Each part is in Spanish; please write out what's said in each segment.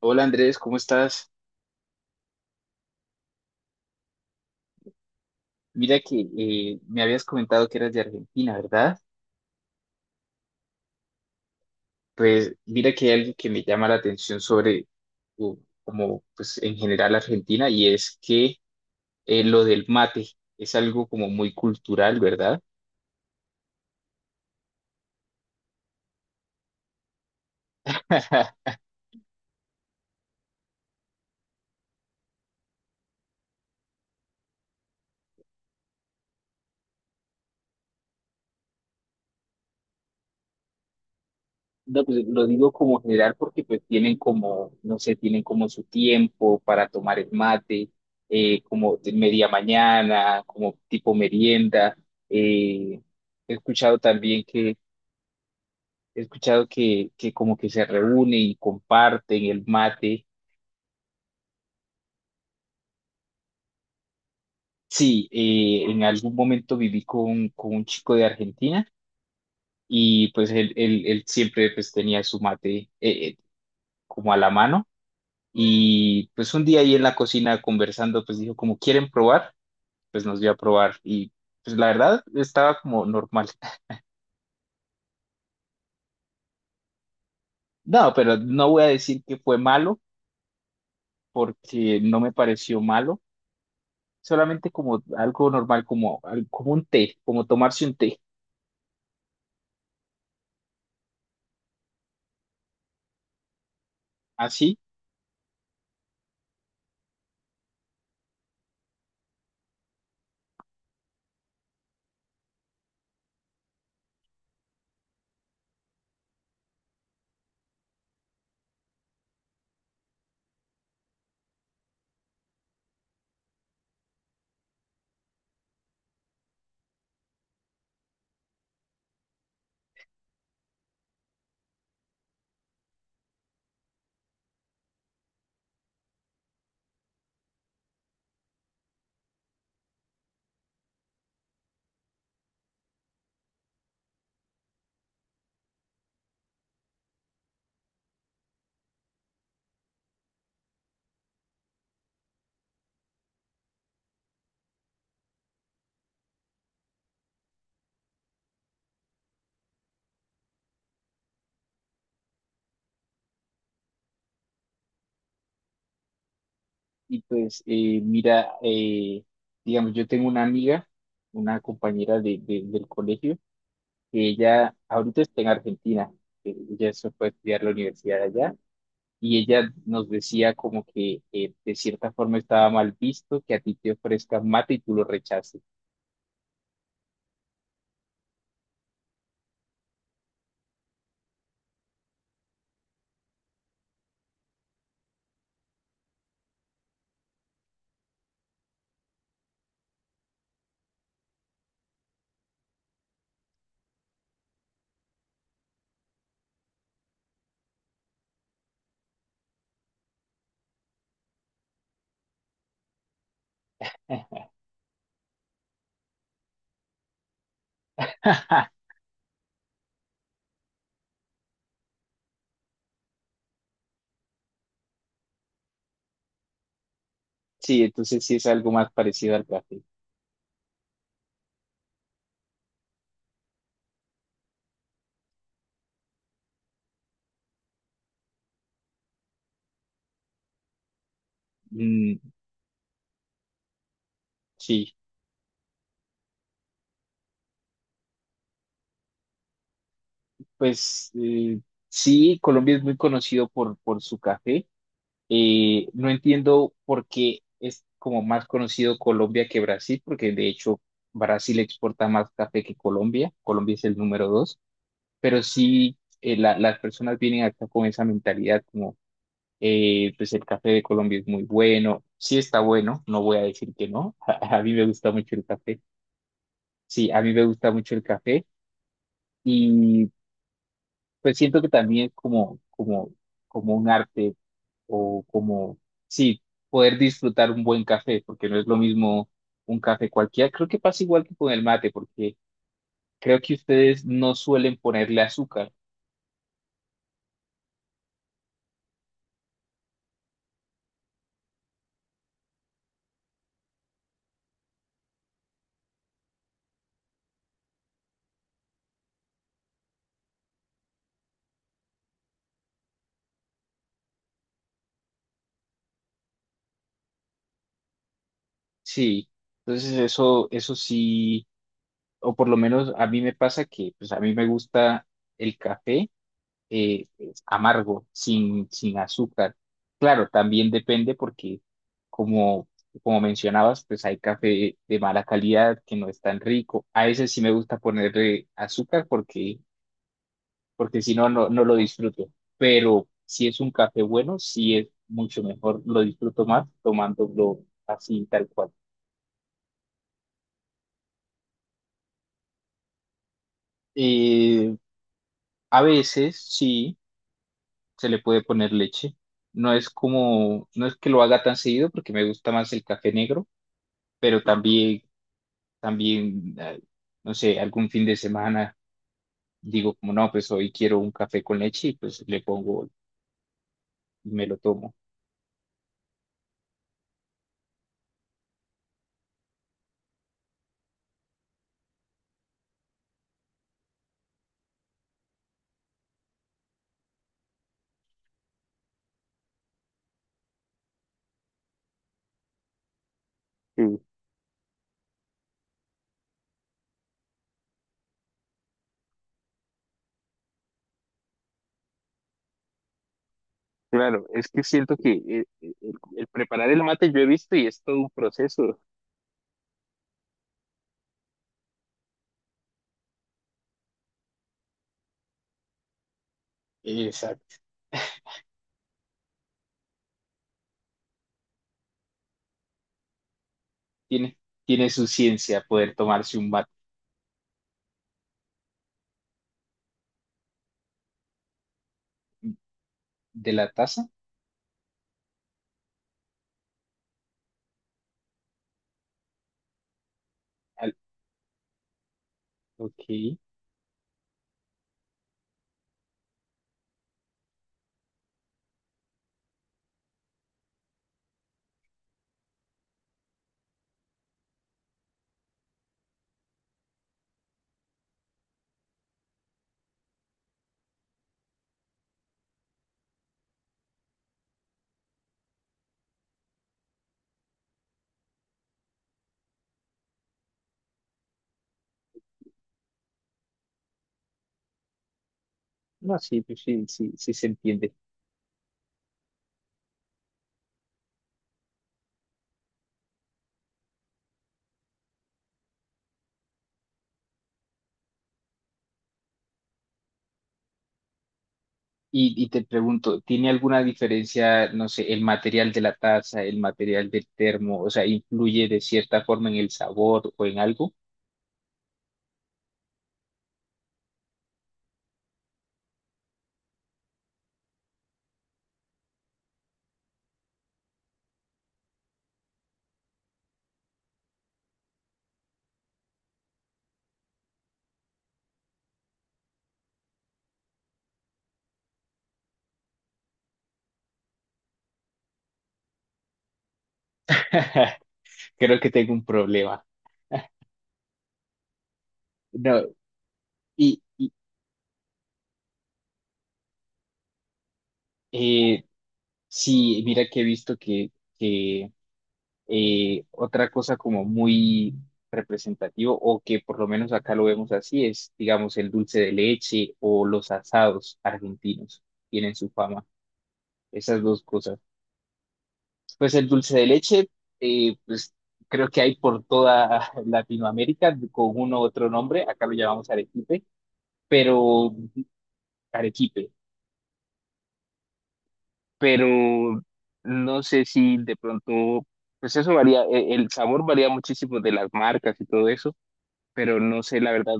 Hola Andrés, ¿cómo estás? Mira que me habías comentado que eras de Argentina, ¿verdad? Pues mira que hay algo que me llama la atención u- como pues en general Argentina, y es que lo del mate es algo como muy cultural, ¿verdad? No, pues lo digo como general porque pues tienen como, no sé, tienen como su tiempo para tomar el mate, como de media mañana, como tipo merienda. eh, he escuchado también que He escuchado que como que se reúne y comparten el mate. Sí, en algún momento viví con un chico de Argentina y pues él siempre pues tenía su mate como a la mano y pues un día ahí en la cocina conversando pues dijo como quieren probar, pues nos dio a probar y pues la verdad estaba como normal. No, pero no voy a decir que fue malo porque no me pareció malo, solamente como algo normal, como, como un té, como tomarse un té. Así. Y pues, digamos, yo tengo una amiga, una compañera del colegio, que ella ahorita está en Argentina, ella se fue a estudiar la universidad allá, y ella nos decía como que de cierta forma estaba mal visto que a ti te ofrezcan mate y tú lo rechaces. Sí, entonces sí es algo más parecido al café. Mm, sí, pues sí, Colombia es muy conocido por su café. No entiendo por qué es como más conocido Colombia que Brasil, porque de hecho Brasil exporta más café que Colombia. Colombia es el número 2, pero sí las personas vienen acá con esa mentalidad como, pues el café de Colombia es muy bueno, sí está bueno, no voy a decir que no, a mí me gusta mucho el café, sí, a mí me gusta mucho el café y pues siento que también es como un arte o como, sí, poder disfrutar un buen café, porque no es lo mismo un café cualquiera. Creo que pasa igual que con el mate, porque creo que ustedes no suelen ponerle azúcar. Sí, entonces eso sí, o por lo menos a mí me pasa que, pues a mí me gusta el café eh, amargo, sin azúcar. Claro, también depende porque, como, como mencionabas, pues hay café de mala calidad que no es tan rico. A ese sí me gusta ponerle azúcar porque, porque si no, no, no lo disfruto. Pero si es un café bueno, sí es mucho mejor, lo disfruto más tomándolo así, tal cual. Eh, a veces sí se le puede poner leche. No es como, no es que lo haga tan seguido porque me gusta más el café negro pero también, también, no sé, algún fin de semana digo como no, pues hoy quiero un café con leche y pues le pongo y me lo tomo. Sí, claro, es que siento que el preparar el mate yo he visto y es todo un proceso. Exacto. Tiene, tiene su ciencia poder tomarse un mate de la taza. Al- ok. No, sí, pues sí, sí, sí se entiende. Y te pregunto, ¿tiene alguna diferencia, no sé, el material de la taza, el material del termo? O sea, ¿influye de cierta forma en el sabor o en algo? Creo que tengo un problema. No, y, eh, sí, mira que he visto que, otra cosa como muy representativo, o que por lo menos acá lo vemos así, es, digamos, el dulce de leche o los asados argentinos. Tienen su fama, esas dos cosas. Pues el dulce de leche, pues creo que hay por toda Latinoamérica con uno u otro nombre, acá lo llamamos pero arequipe, pero no sé si de pronto, pues eso varía, el sabor varía muchísimo de las marcas y todo eso, pero no sé la verdad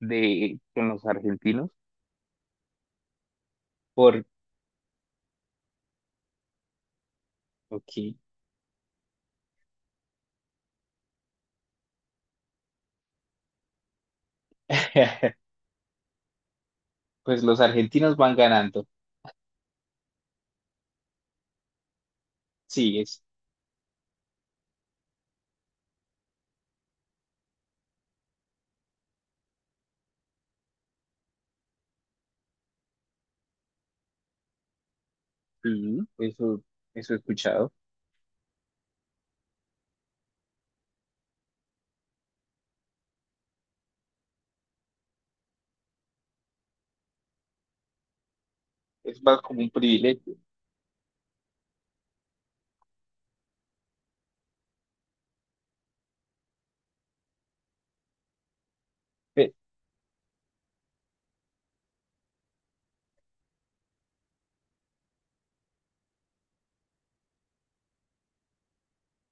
de con los argentinos, porque pues los argentinos van ganando, sí, es, sí, eso he escuchado, es más como un privilegio. Pe-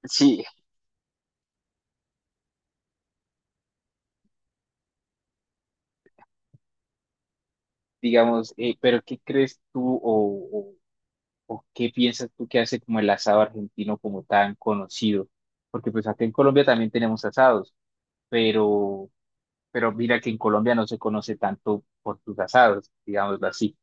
Sí, digamos, pero ¿qué crees tú o qué piensas tú que hace como el asado argentino como tan conocido? Porque pues acá en Colombia también tenemos asados, pero, pero mira que en Colombia no se conoce tanto por sus asados, digámoslo así.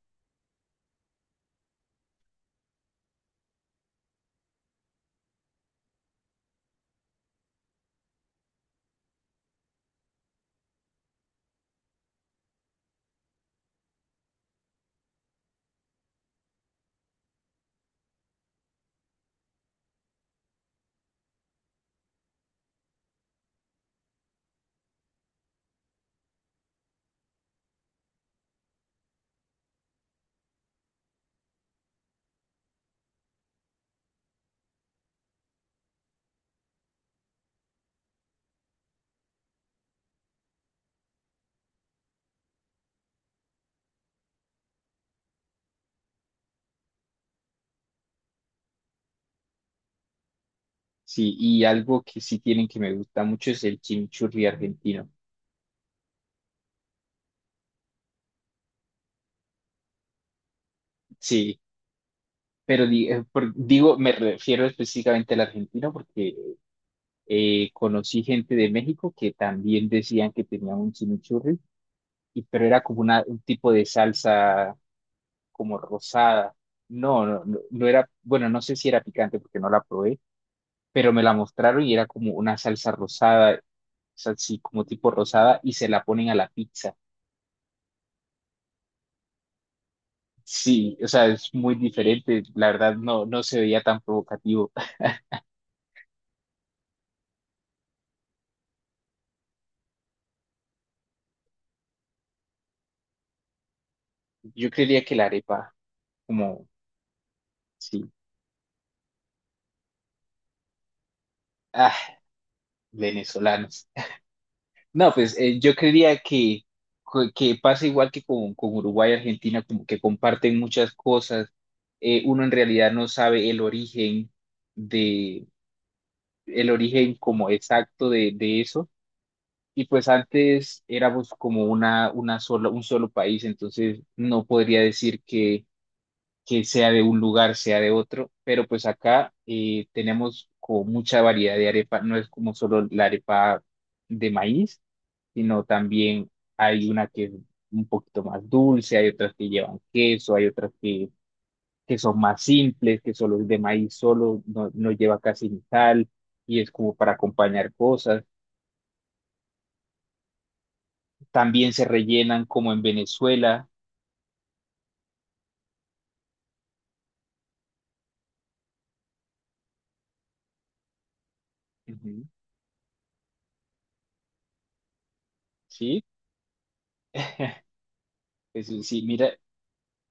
Sí, y algo que sí tienen que me gusta mucho es el chimichurri argentino. Sí, pero digo, me refiero específicamente al argentino porque conocí gente de México que también decían que tenían un chimichurri pero era como un tipo de salsa como rosada. No, no, no, no era, bueno, no sé si era picante porque no la probé, pero me la mostraron y era como una salsa rosada, o sea, sí, como tipo rosada y se la ponen a la pizza. Sí, o sea, es muy diferente, la verdad no, no se veía tan provocativo. Yo creería que la arepa, como, sí, ah, venezolanos. No, pues yo creería que, que pasa igual que con Uruguay y Argentina, como que comparten muchas cosas. Uno en realidad no sabe el origen de, el origen como exacto de eso. Y pues antes éramos como una sola, un solo país, entonces no podría decir que sea de un lugar, sea de otro, pero pues acá tenemos como mucha variedad de arepa, no es como solo la arepa de maíz sino también hay una que es un poquito más dulce, hay otras que llevan queso, hay otras que son más simples, que solo es de maíz solo, no, no lleva casi ni sal y es como para acompañar cosas. También se rellenan como en Venezuela. Ujú. ¿Sí? Es sí sí, mira,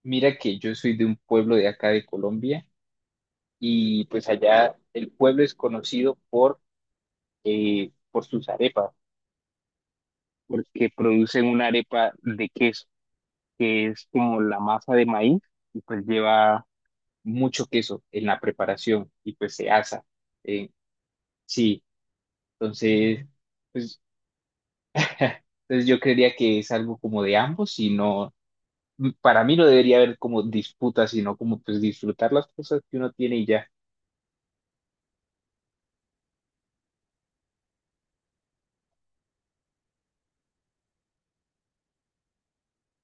mira que yo soy de un pueblo de acá de Colombia y pues allá el pueblo es conocido por sus arepas, porque producen una arepa de queso, que es como la masa de maíz y pues lleva mucho queso en la preparación y pues se asa. Eh, sí, entonces, pues, entonces yo creería que es algo como de ambos y no, mm, para mí no debería haber como disputas, sino como pues disfrutar las cosas que uno tiene y ya.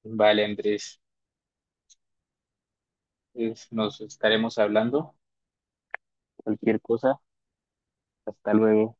Vale, Andrés, pues, nos estaremos hablando. Cualquier cosa, hasta luego.